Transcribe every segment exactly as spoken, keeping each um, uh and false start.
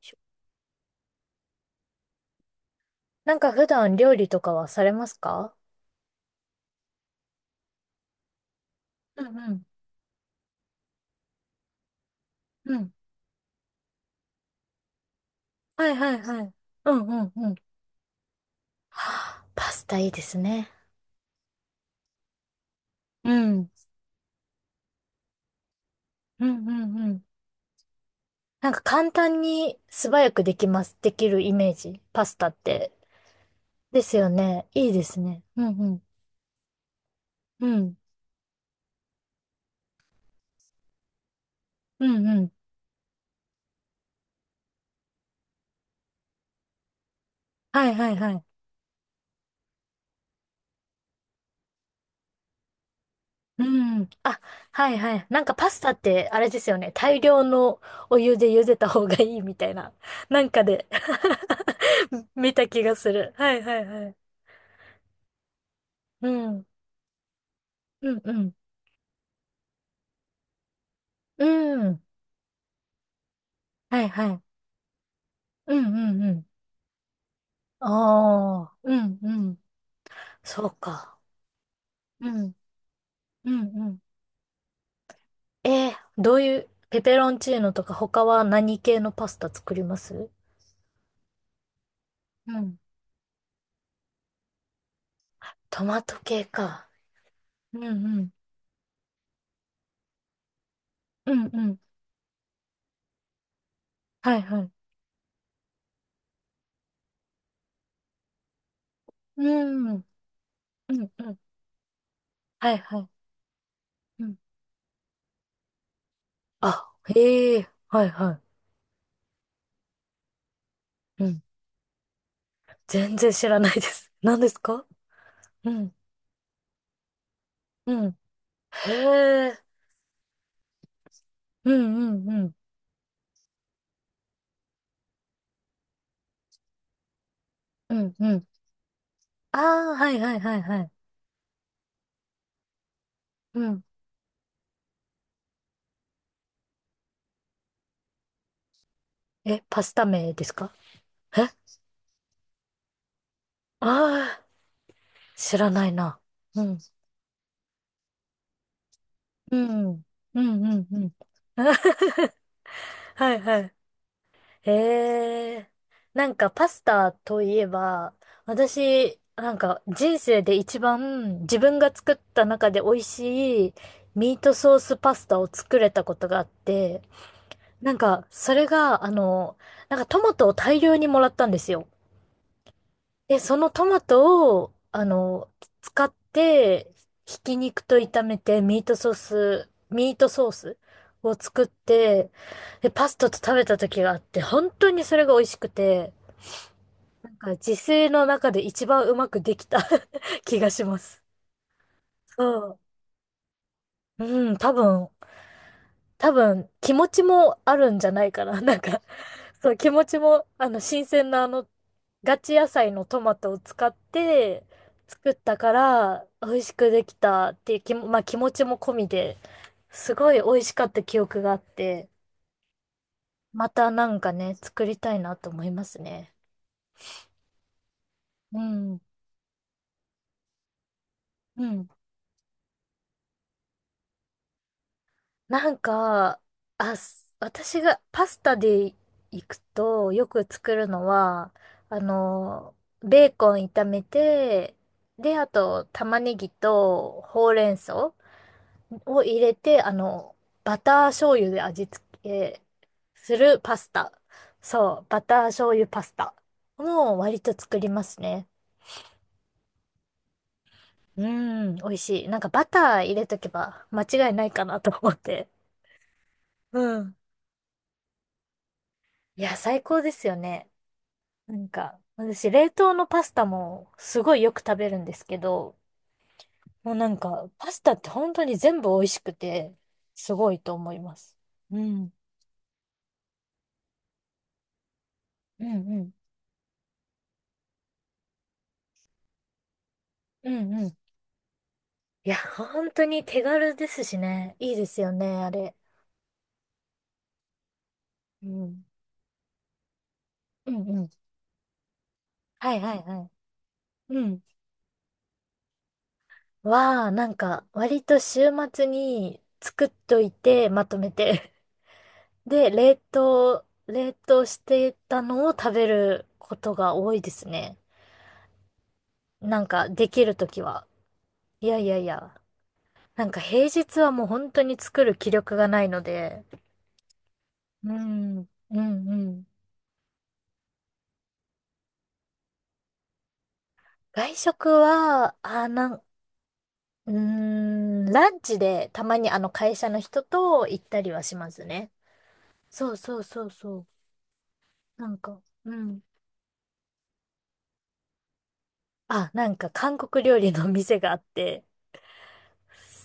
しょなんか普段料理とかはされますか？うんうん。うん。はいはいはい。うんうんうん。は、あ、パスタいいですね。うん。うんうんうん。なんか簡単に素早くできます。できるイメージ。パスタって。ですよね。いいですね。うんうん。うん。うんうん。はいはいはい。うん。あ、はいはい。なんかパスタってあれですよね。大量のお湯で茹でた方がいいみたいな。なんかで 見た気がする。はいはいはい。うん。うんうん。うん。はいはい。うんうんうん。ああ。うんうん。そうか。うん。うんうん。えー、どういう、ペペロンチーノとか他は何系のパスタ作ります？うん。トマト系か。うんうん。うんうん。はいはい。うん。うんうん。はいはい。うん。あ、へえ。はいはい。うん。全然知らないです。何ですか？うん。うん。へえ。うんうんうん。うんうん。ああ、はいはいはいはい。うん。え、パスタ名ですか？え、あ、あー、知らないな。うん。うん。うんうんうん。はいはい。へえ。なんかパスタといえば、私、なんか人生で一番自分が作った中で美味しいミートソースパスタを作れたことがあって、なんかそれが、あの、なんかトマトを大量にもらったんですよ。で、そのトマトを、あの、使って、ひき肉と炒めてミートソース、ミートソースを作って、で、パスタと食べた時があって、本当にそれが美味しくて、なんか自炊の中で一番うまくできた 気がします。そう。うん、多分、多分、気持ちもあるんじゃないかな。なんか、そう、気持ちも、あの、新鮮なあの、ガチ野菜のトマトを使って作ったから、美味しくできたっていう気も、まあ気持ちも込みで、すごい美味しかった記憶があって、またなんかね、作りたいなと思いますね。うん。うん。なんか、あ、す、私がパスタで行くとよく作るのは、あの、ベーコン炒めて、で、あと玉ねぎとほうれん草を入れて、あの、バター醤油で味付けするパスタ。そう、バター醤油パスタ。もう割と作りますね。うん、美味しい。なんかバター入れとけば間違いないかなと思って。うん。いや、最高ですよね。なんか、私、冷凍のパスタもすごいよく食べるんですけど、もうなんか、パスタって本当に全部美味しくて、すごいと思います。うん。うんうん。うんうん。いや、本当に手軽ですしね。いいですよね、あれ。うん。うんうん。はいはいはい。うん。は、なんか、割と週末に作っといて、まとめて。で、冷凍、冷凍してたのを食べることが多いですね。なんかできるときは。いやいやいや。なんか平日はもう本当に作る気力がないので。うん、うん、うん。外食は、あ、なん、うーん、ランチでたまにあの会社の人と行ったりはしますね。そうそうそうそう。なんか、うん。あ、なんか韓国料理の店があって。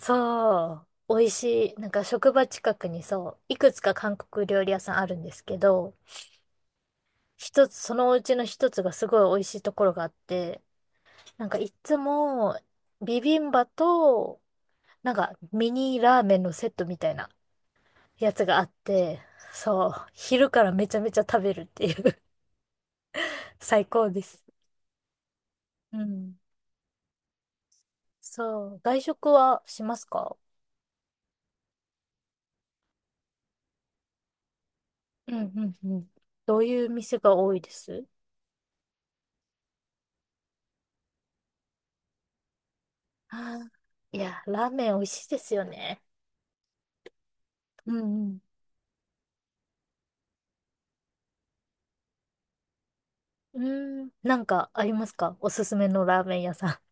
そう。美味しい。なんか職場近くにそう、いくつか韓国料理屋さんあるんですけど、一つ、そのうちの一つがすごい美味しいところがあって、なんかいつもビビンバと、なんかミニラーメンのセットみたいなやつがあって、そう、昼からめちゃめちゃ食べるっていう 最高です。うん。そう、外食はしますか？うんうんうん。どういう店が多いです？あー、いや、ラーメン美味しいですよね。うんうん。うーん、なんかありますか、おすすめのラーメン屋さ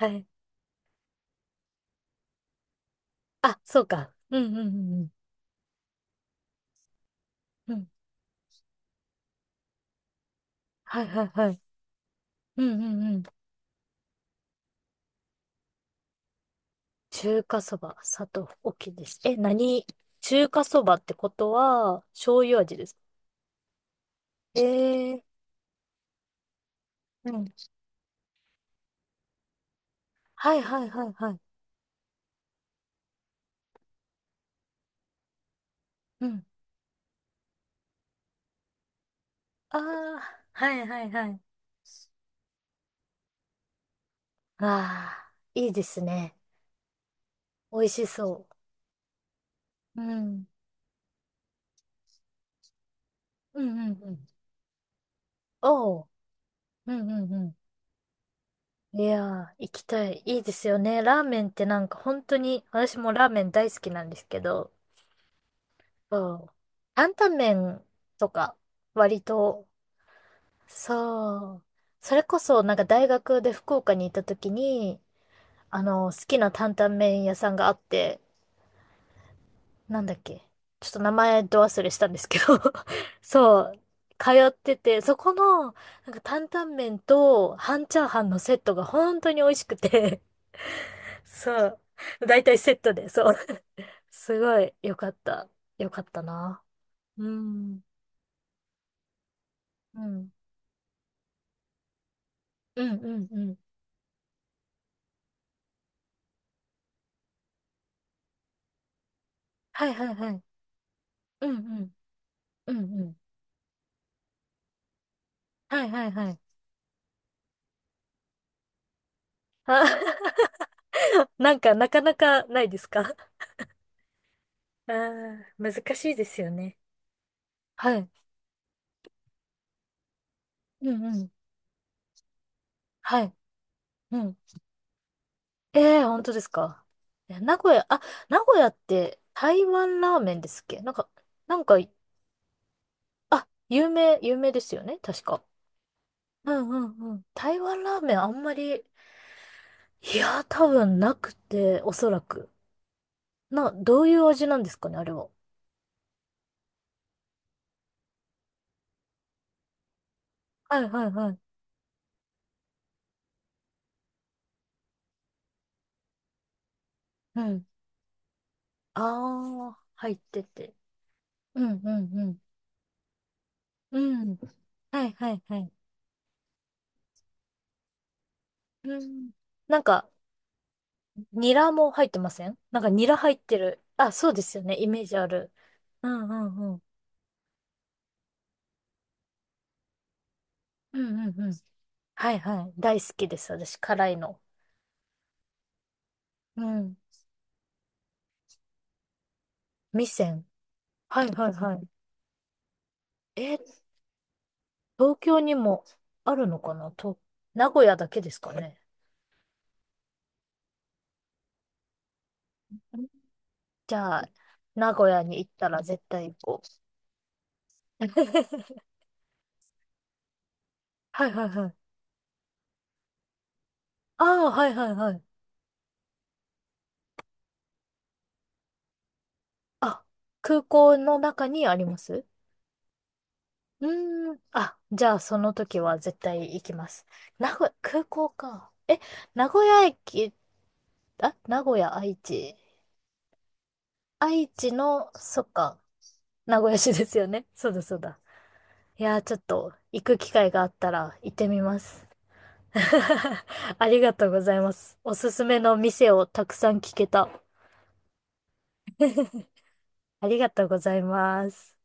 ん。はい。あ、そうか。うんうんうんうん。うん。はいはいはい。うんうんうん。中華そば、砂糖、大きいです。え、何？中華そばってことは、醤油味ですか？ええー、うん。はいはいはいはい。うん。ああ、はいはいはい。ああ、いいですね。美味しそう。うん。うんうんうん。おう。うんうんうん。いやー、行きたい。いいですよね。ラーメンってなんか本当に、私もラーメン大好きなんですけど、そう。担々麺とか、割と、そう。それこそ、なんか大学で福岡に行った時に、あの、好きな担々麺屋さんがあって、なんだっけ。ちょっと名前ど忘れしたんですけど そう。通ってて、そこの、なんか担々麺と半チャーハンのセットが本当に美味しくて そう。だいたいセットで、そう。すごい良かった。良かったな。うん。うん。うんうんうん。はいはいはい。うんうん。うんうん。はいはいはい。あ なんか、なかなかないですか？ ああ、難しいですよね。はい。うんうん。はい。うん。ええ、本当ですか？え、名古屋、あ、名古屋って台湾ラーメンですっけ、なんか、なんか、あ、有名、有名ですよね確か。うんうんうん。台湾ラーメンあんまり、いやー、多分なくて、おそらく。な、どういう味なんですかねあれは。はいはいはい。うん。ああ、入ってて。うんうんうん。うん。はいはいはい。うん。なんか、ニラも入ってません？なんかニラ入ってる。あ、そうですよね。イメージある。うんうんうん。うんうんうん。はいはい。大好きです。私、辛いの。うん。味仙。はいはいはい。え、東京にもあるのかなと、名古屋だけですかね。じゃあ、名古屋に行ったら絶対行こう。はいはいはい。ああ、はいはいはい。あ、空港の中にあります？うーん。あ、じゃあその時は絶対行きます。名古屋、空港か。え、名古屋駅、あ、名古屋、愛知。愛知の、そっか、名古屋市ですよね。そうだそうだ。いやー、ちょっと行く機会があったら行ってみます。ありがとうございます。おすすめの店をたくさん聞けた。ありがとうございます。